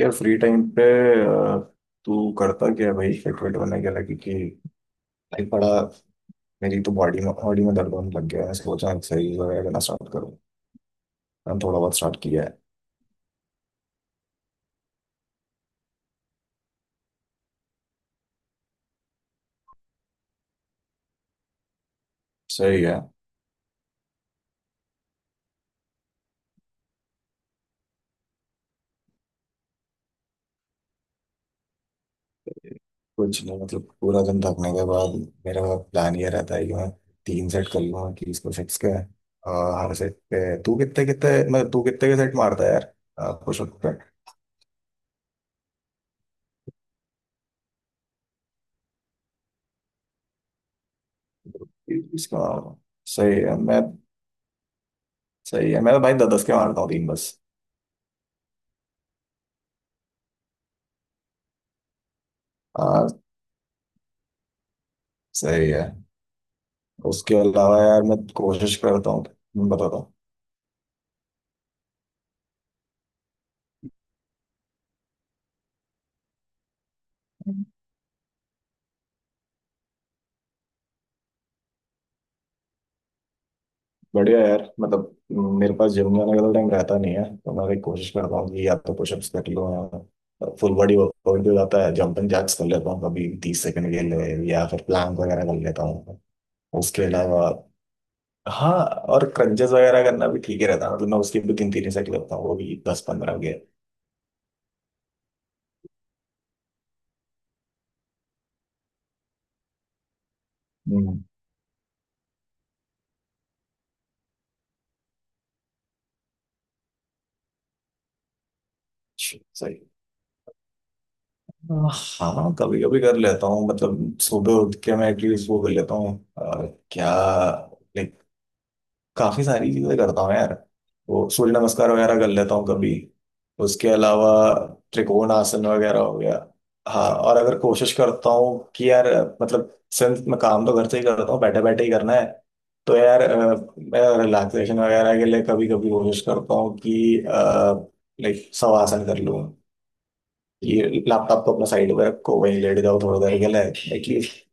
यार free time पे अ, तू करता क्या है भाई फिट वेट होने के लगी कि भाई। बड़ा मेरी तो बॉडी में दर्द होने लग गया है। सोचा एक्सरसाइज वगैरह करना स्टार्ट करूँ। मैंने थोड़ा बहुत स्टार्ट किया है। सही है। कुछ नहीं मतलब पूरा दिन थकने के बाद मेरा प्लान ये रहता है कि मैं तीन सेट कर लूँगा 30 पुशअप्स के। हर सेट पे तू कितने कितने मतलब तू कितने के सेट मारता है यार पुशअप पे। इसका सही है मैं सही है मैं तो भाई दस दस के मारता हूँ तीन बस। हाँ। सही है। उसके अलावा यार मैं कोशिश करता हूँ। मैं बताता हूँ। बढ़िया यार मतलब मेरे पास जिम जाने का टाइम रहता नहीं है, तो मैं भी कोशिश करता हूँ कि या तो पुशअप्स कर लो या फुल बॉडी वर्कआउट भी हो जाता है। जंपिंग जैक्स कर लेता हूँ कभी 30 सेकंड के लिए, या फिर प्लैंक वगैरह कर लेता हूँ। उसके अलावा हाँ, और क्रंचेस वगैरह करना भी ठीक ही रहता है। मतलब मैं उसकी भी तीन तीन सेट करता हूँ, वो भी 10-15 के। हम्म, सही। हाँ कभी कभी कर लेता हूँ, मतलब सुबह उठ के मैं एटलीस्ट वो कर लेता हूँ। अ, क्या लाइक काफी सारी चीजें करता हूँ यार। वो सूर्य नमस्कार वगैरह कर लेता हूँ कभी। उसके अलावा त्रिकोण आसन वगैरह हो गया। हाँ और अगर कोशिश करता हूँ कि यार मतलब सिंस मैं काम तो घर से ही करता हूँ बैठे बैठे ही करना है। तो यार मैं रिलैक्सेशन वगैरह के लिए कभी कभी कोशिश करता हूँ कि लाइक शवासन कर लूँ। ये लैपटॉप तो अपना साइड में रखो, वहीं लेट जाओ थोड़ी देर के लिए एटलीस्ट।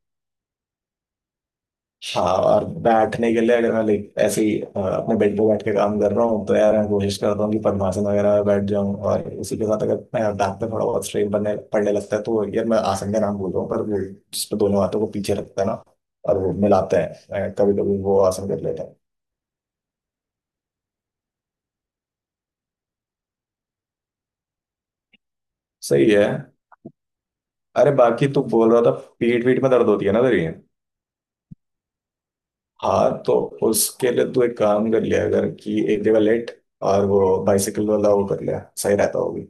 हाँ और बैठने के लिए अगर मैं लाइक ऐसे ही अपने बेड पे बैठ के काम कर रहा हूँ तो यार मैं कोशिश करता हूँ कि पद्मासन वगैरह में बैठ जाऊँ, और उसी के साथ अगर मैं बैक पे थोड़ा बहुत स्ट्रेन बनने पड़ने लगता है तो यार मैं आसन का नाम बोल रहा हूँ पर वो जिसपे दोनों हाथों को पीछे रखता है ना, और वो मिलाते हैं, कभी कभी वो आसन कर लेते हैं। सही है। अरे बाकी तू बोल रहा था पीठ पीठ में दर्द होती है ना तेरी। हाँ तो उसके लिए तू एक काम कर लिया अगर कि एक जगह लेट, और वो बाइसाइकिल वाला वो कर लिया सही रहता होगी।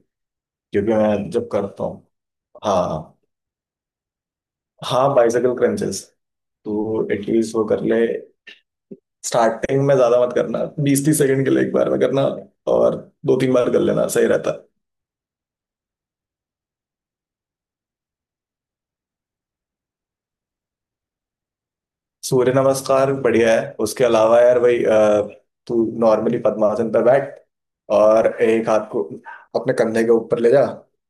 क्योंकि मैं जब करता हूँ हाँ। हाँ बाइसाइकिल क्रंचेस, तो एटलीस्ट वो कर ले। स्टार्टिंग में ज्यादा मत करना, 20-30 सेकंड के लिए एक बार में करना और दो तीन बार कर लेना सही रहता। सूर्य नमस्कार बढ़िया है। उसके अलावा यार भाई तू नॉर्मली पद्मासन पर बैठ और एक हाथ को अपने कंधे के ऊपर ले जा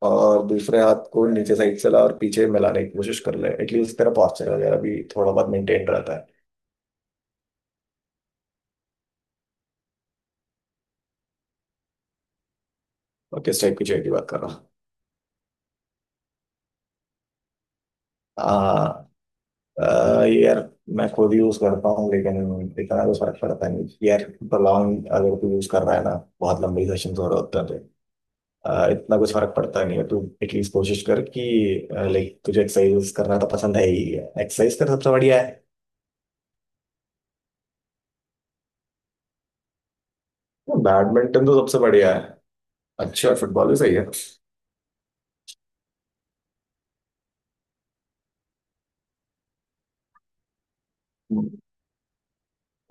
और दूसरे हाथ को नीचे साइड से ला और पीछे मिलाने की कोशिश कर ले। एटलीस्ट तेरा पॉस्चर वगैरह भी थोड़ा बहुत मेंटेन रहता है। और किस टाइप की चेयर की बात कर रहा हूँ। हाँ। ये यार मैं खुद यूज करता हूँ लेकिन इतना तो फर्क पड़ता नहीं यार। लॉन्ग अगर तू यूज कर रहा है ना, बहुत लंबी सेशन हो रहे होते हैं तो। इतना कुछ फर्क पड़ता नहीं है। तू एटलीस्ट कोशिश कर कि लाइक तुझे एक्सरसाइज करना तो पसंद है ही है, एक्सरसाइज कर सबसे बढ़िया है। बैडमिंटन तो सबसे बढ़िया है। अच्छा है, फुटबॉल भी सही है।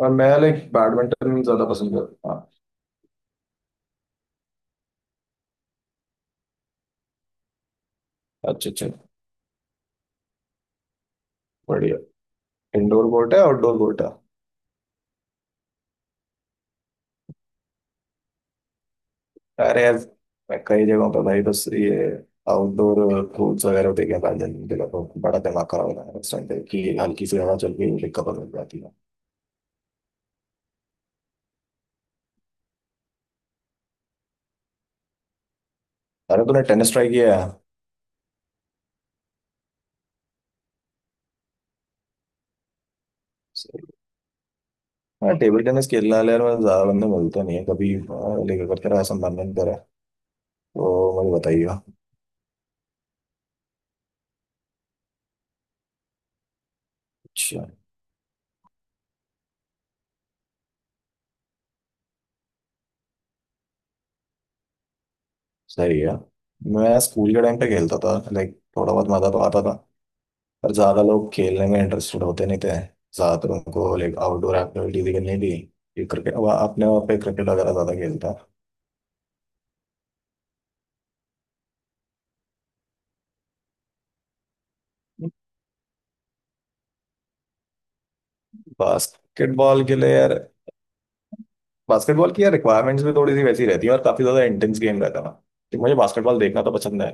और मैं लाइक बैडमिंटन ज्यादा पसंद करता हूँ। हाँ, अच्छा अच्छा। बढ़िया। इंडोर कोर्ट है आउटडोर कोर्ट है। अरे यार मैं कई जगहों पर भाई बस ये आउटडोर कोर्ट्स वगैरह होते हैं बैडमिंटन के लिए तो बड़ा दिमाग खराब हो रहा है उस टाइम पे कि हल्की सी हवा चल के कवर मिल जाती है। अरे तूने टेनिस ट्राई किया है। हाँ टेबल टेनिस खेलने वाले यार मैं ज्यादा बंदे मिलते नहीं है कभी। हाँ, लेकर करते रहा संबंधन करा तो मुझे बताइए। अच्छा सही है। मैं स्कूल के टाइम पे खेलता था लाइक थोड़ा बहुत मजा तो आता था, पर ज्यादा लोग खेलने में इंटरेस्टेड होते नहीं थे। ज्यादातर उनको लाइक आउटडोर एक्टिविटीज करनी थी। ये क्रिकेट, अपने वहाँ पे क्रिकेट वगैरह ज्यादा खेलता। बास्केटबॉल के लिए यार, बास्केटबॉल की यार रिक्वायरमेंट्स भी थोड़ी सी वैसी रहती है और काफी ज्यादा इंटेंस गेम रहता है ना। तो मुझे बास्केटबॉल देखना तो पसंद है।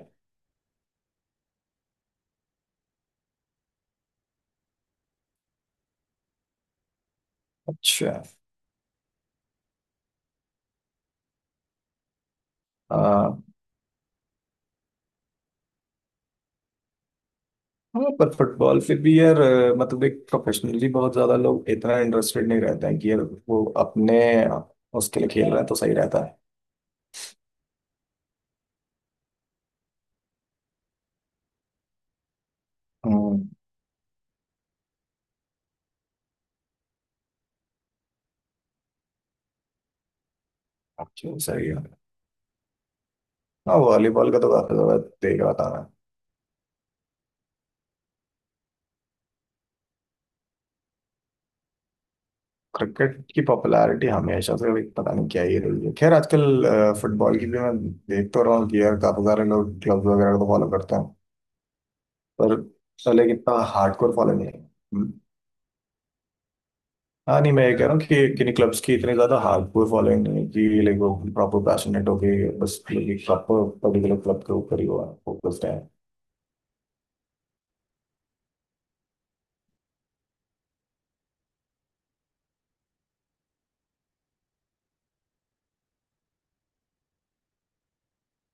अच्छा। हाँ पर फुटबॉल फिर भी यार मतलब एक प्रोफेशनली बहुत ज्यादा लोग इतना इंटरेस्टेड नहीं रहते हैं कि यार वो अपने उसके लिए खेल रहा है तो सही रहता है। हम्म। चलो सही है। हाँ वॉलीबॉल का तो काफी ज्यादा देख रहा था मैं। क्रिकेट की पॉपुलैरिटी हमेशा से एक पता नहीं क्या ही रही है, खैर आजकल फुटबॉल की भी मैं देख तो रहा हूँ कि यार काफी सारे लोग क्लब वगैरह को फॉलो करते हैं, पर लेकिन इतना हार्डकोर फॉलो नहीं है। हाँ नहीं मैं ये कह रहा हूँ कि किन्हीं क्लब्स की इतनी ज्यादा हार्डकोर फॉलोइंग नहीं है कि लाइक वो प्रॉपर पैशनेट हो गई, बस प्रॉपर पर्टिकुलर क्लब के ऊपर ही हुआ फोकस्ड है।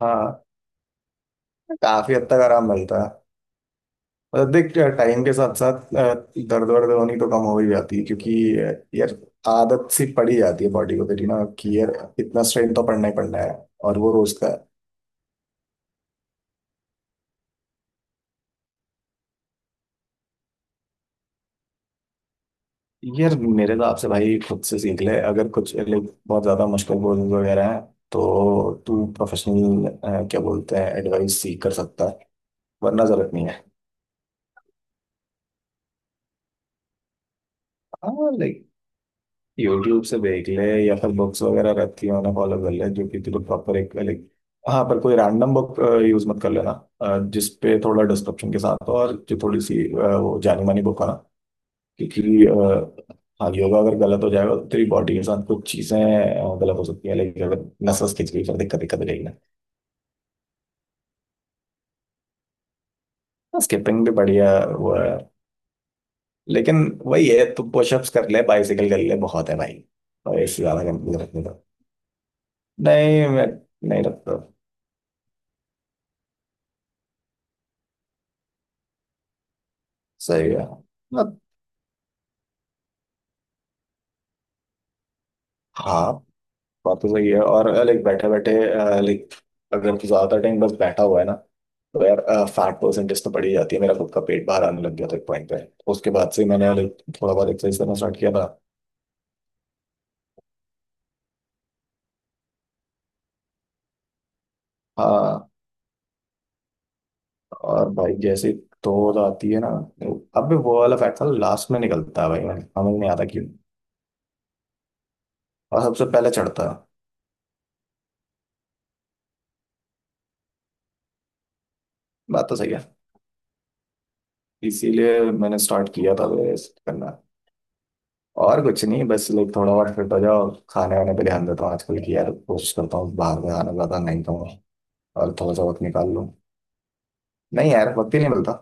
हाँ, काफी हद तक आराम मिलता है। मतलब देख, टाइम के साथ साथ दर्द वर्द होनी तो कम हो ही जाती है क्योंकि यार आदत सी पड़ी जाती है बॉडी को तेरी ना, कि यार इतना स्ट्रेन तो पड़ना ही पड़ना है और वो रोज का है। यार मेरे हिसाब से भाई खुद से सीख ले, अगर कुछ लाइक बहुत ज्यादा मुश्किल कोर्सेज वगैरह हैं तो तू प्रोफेशनल क्या बोलते हैं एडवाइस सीख कर सकता है, वरना जरूरत नहीं है। हाँ लाइक यूट्यूब से देख ले, या फिर बुक्स वगैरह रहती है उन्हें फॉलो कर ले जो कि तुझे प्रॉपर एक लाइक। हाँ पर कोई रैंडम बुक यूज मत कर लेना। जिस पे थोड़ा डिस्क्रिप्शन के साथ हो और जो थोड़ी सी वो जानी मानी बुक हो ना। क्योंकि हाँ योगा अगर गलत हो जाएगा तो तेरी बॉडी के साथ कुछ चीजें गलत हो सकती है, लेकिन अगर नसों खिंच गई फिर दिक्कत दिक्कत हो जाएगी ना। स्किपिंग भी बढ़िया वो है। लेकिन वही है, तू पुशअप्स कर ले बाइसिकल कर ले बहुत है भाई, और इससे ज्यादा करने की जरूरत नहीं। नहीं। मैं नहीं रखता। सही है मतलब, हाँ बात तो सही है। और लाइक बैठे बैठे लाइक अगर तू ज्यादा टाइम बस बैठा हुआ है ना तो यार फैट परसेंटेज तो बढ़ ही जाती है। मेरा खुद का पेट बाहर आने लग गया था एक पॉइंट पे। उसके बाद से मैंने लाइक थोड़ा बहुत एक्सरसाइज करना स्टार्ट किया था। हाँ और भाई जैसे तोड़ आती है ना, अब भी वो वाला फैट ना लास्ट में निकलता है भाई, मैंने समझ नहीं आता क्यों। और सबसे पहले चढ़ता है। बात तो सही है। इसीलिए मैंने स्टार्ट किया था करना। और कुछ नहीं, बस लाइक थोड़ा बहुत फिट हो जाओ खाने वाने पे ध्यान देता हूँ आजकल की यार, कोशिश करता हूँ बाहर का खाना ज्यादा नहीं खाऊं, और थोड़ा सा वक्त निकाल लूँ। नहीं यार वक्त ही नहीं मिलता।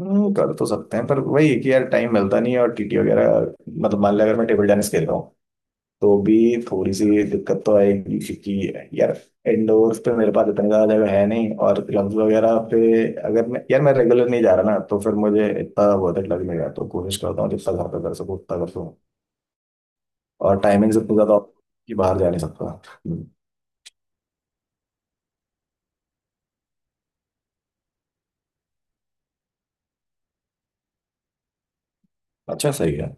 कर तो सकते हैं पर वही है कि यार टाइम मिलता नहीं है। और TT वगैरह मतलब मान लिया अगर मैं टेबल टेनिस खेल रहा हूँ तो भी थोड़ी सी दिक्कत तो आएगी क्योंकि यार इंडोर पे मेरे पास इतनी ज्यादा जगह है नहीं और क्लब्स वगैरह पे अगर मैं यार मैं रेगुलर नहीं जा रहा ना तो फिर मुझे इतना बहुत लग नहीं रहा, तो कोशिश करता हूँ जितना घर पे कर सकूँ उतना कर। और टाइमिंग से इतना ज्यादा off कि बाहर जा नहीं सकता। हम्म, अच्छा सही है।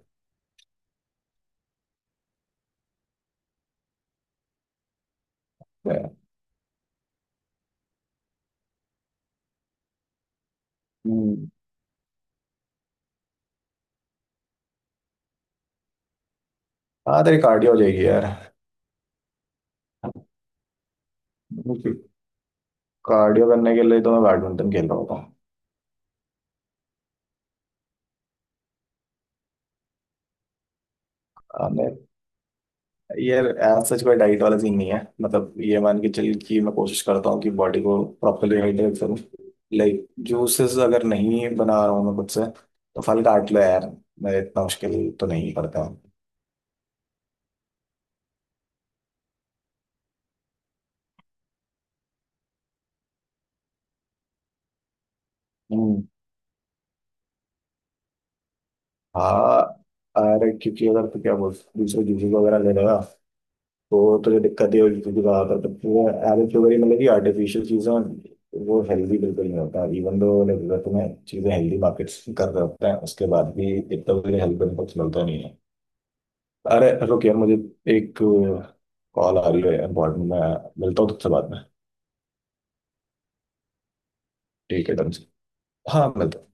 हम्म, हाँ तेरी कार्डियो हो जाएगी यार। कार्डियो करने के लिए तो मैं बैडमिंटन खेल रहा होता हूँ। हाँ, मैं यार एज सच कोई डाइट वाला सीन नहीं है। मतलब ये मान के चल कि मैं कोशिश करता हूँ कि बॉडी को प्रॉपरली हाइड्रेट करूँ, लाइक जूसेस अगर नहीं बना रहा हूँ मैं खुद से तो फल काट लो यार, मैं इतना मुश्किल तो नहीं करता हूँ। हम्म, हाँ। अरे क्योंकि अगर तो क्या बोल दूसरे जूसेस वगैरह ले लेगा तो जो दिक्कत है वो रहा था तो पूरा एवरेज शुगर ही, मतलब कि आर्टिफिशियल चीज़ें वो हेल्दी बिल्कुल नहीं होता। इवन दो लाइक अगर तुम्हें चीज़ें हेल्दी मार्केट्स कर रहे होते हैं उसके बाद भी इतना तो मुझे हेल्थ बेनिफिट्स मिलता नहीं है। अरे रुक यार, मुझे एक कॉल आ रही है इम्पोर्टेंट। मैं मिलता हूँ तुझसे बाद में। ठीक है डन से। हाँ मिलता हूँ।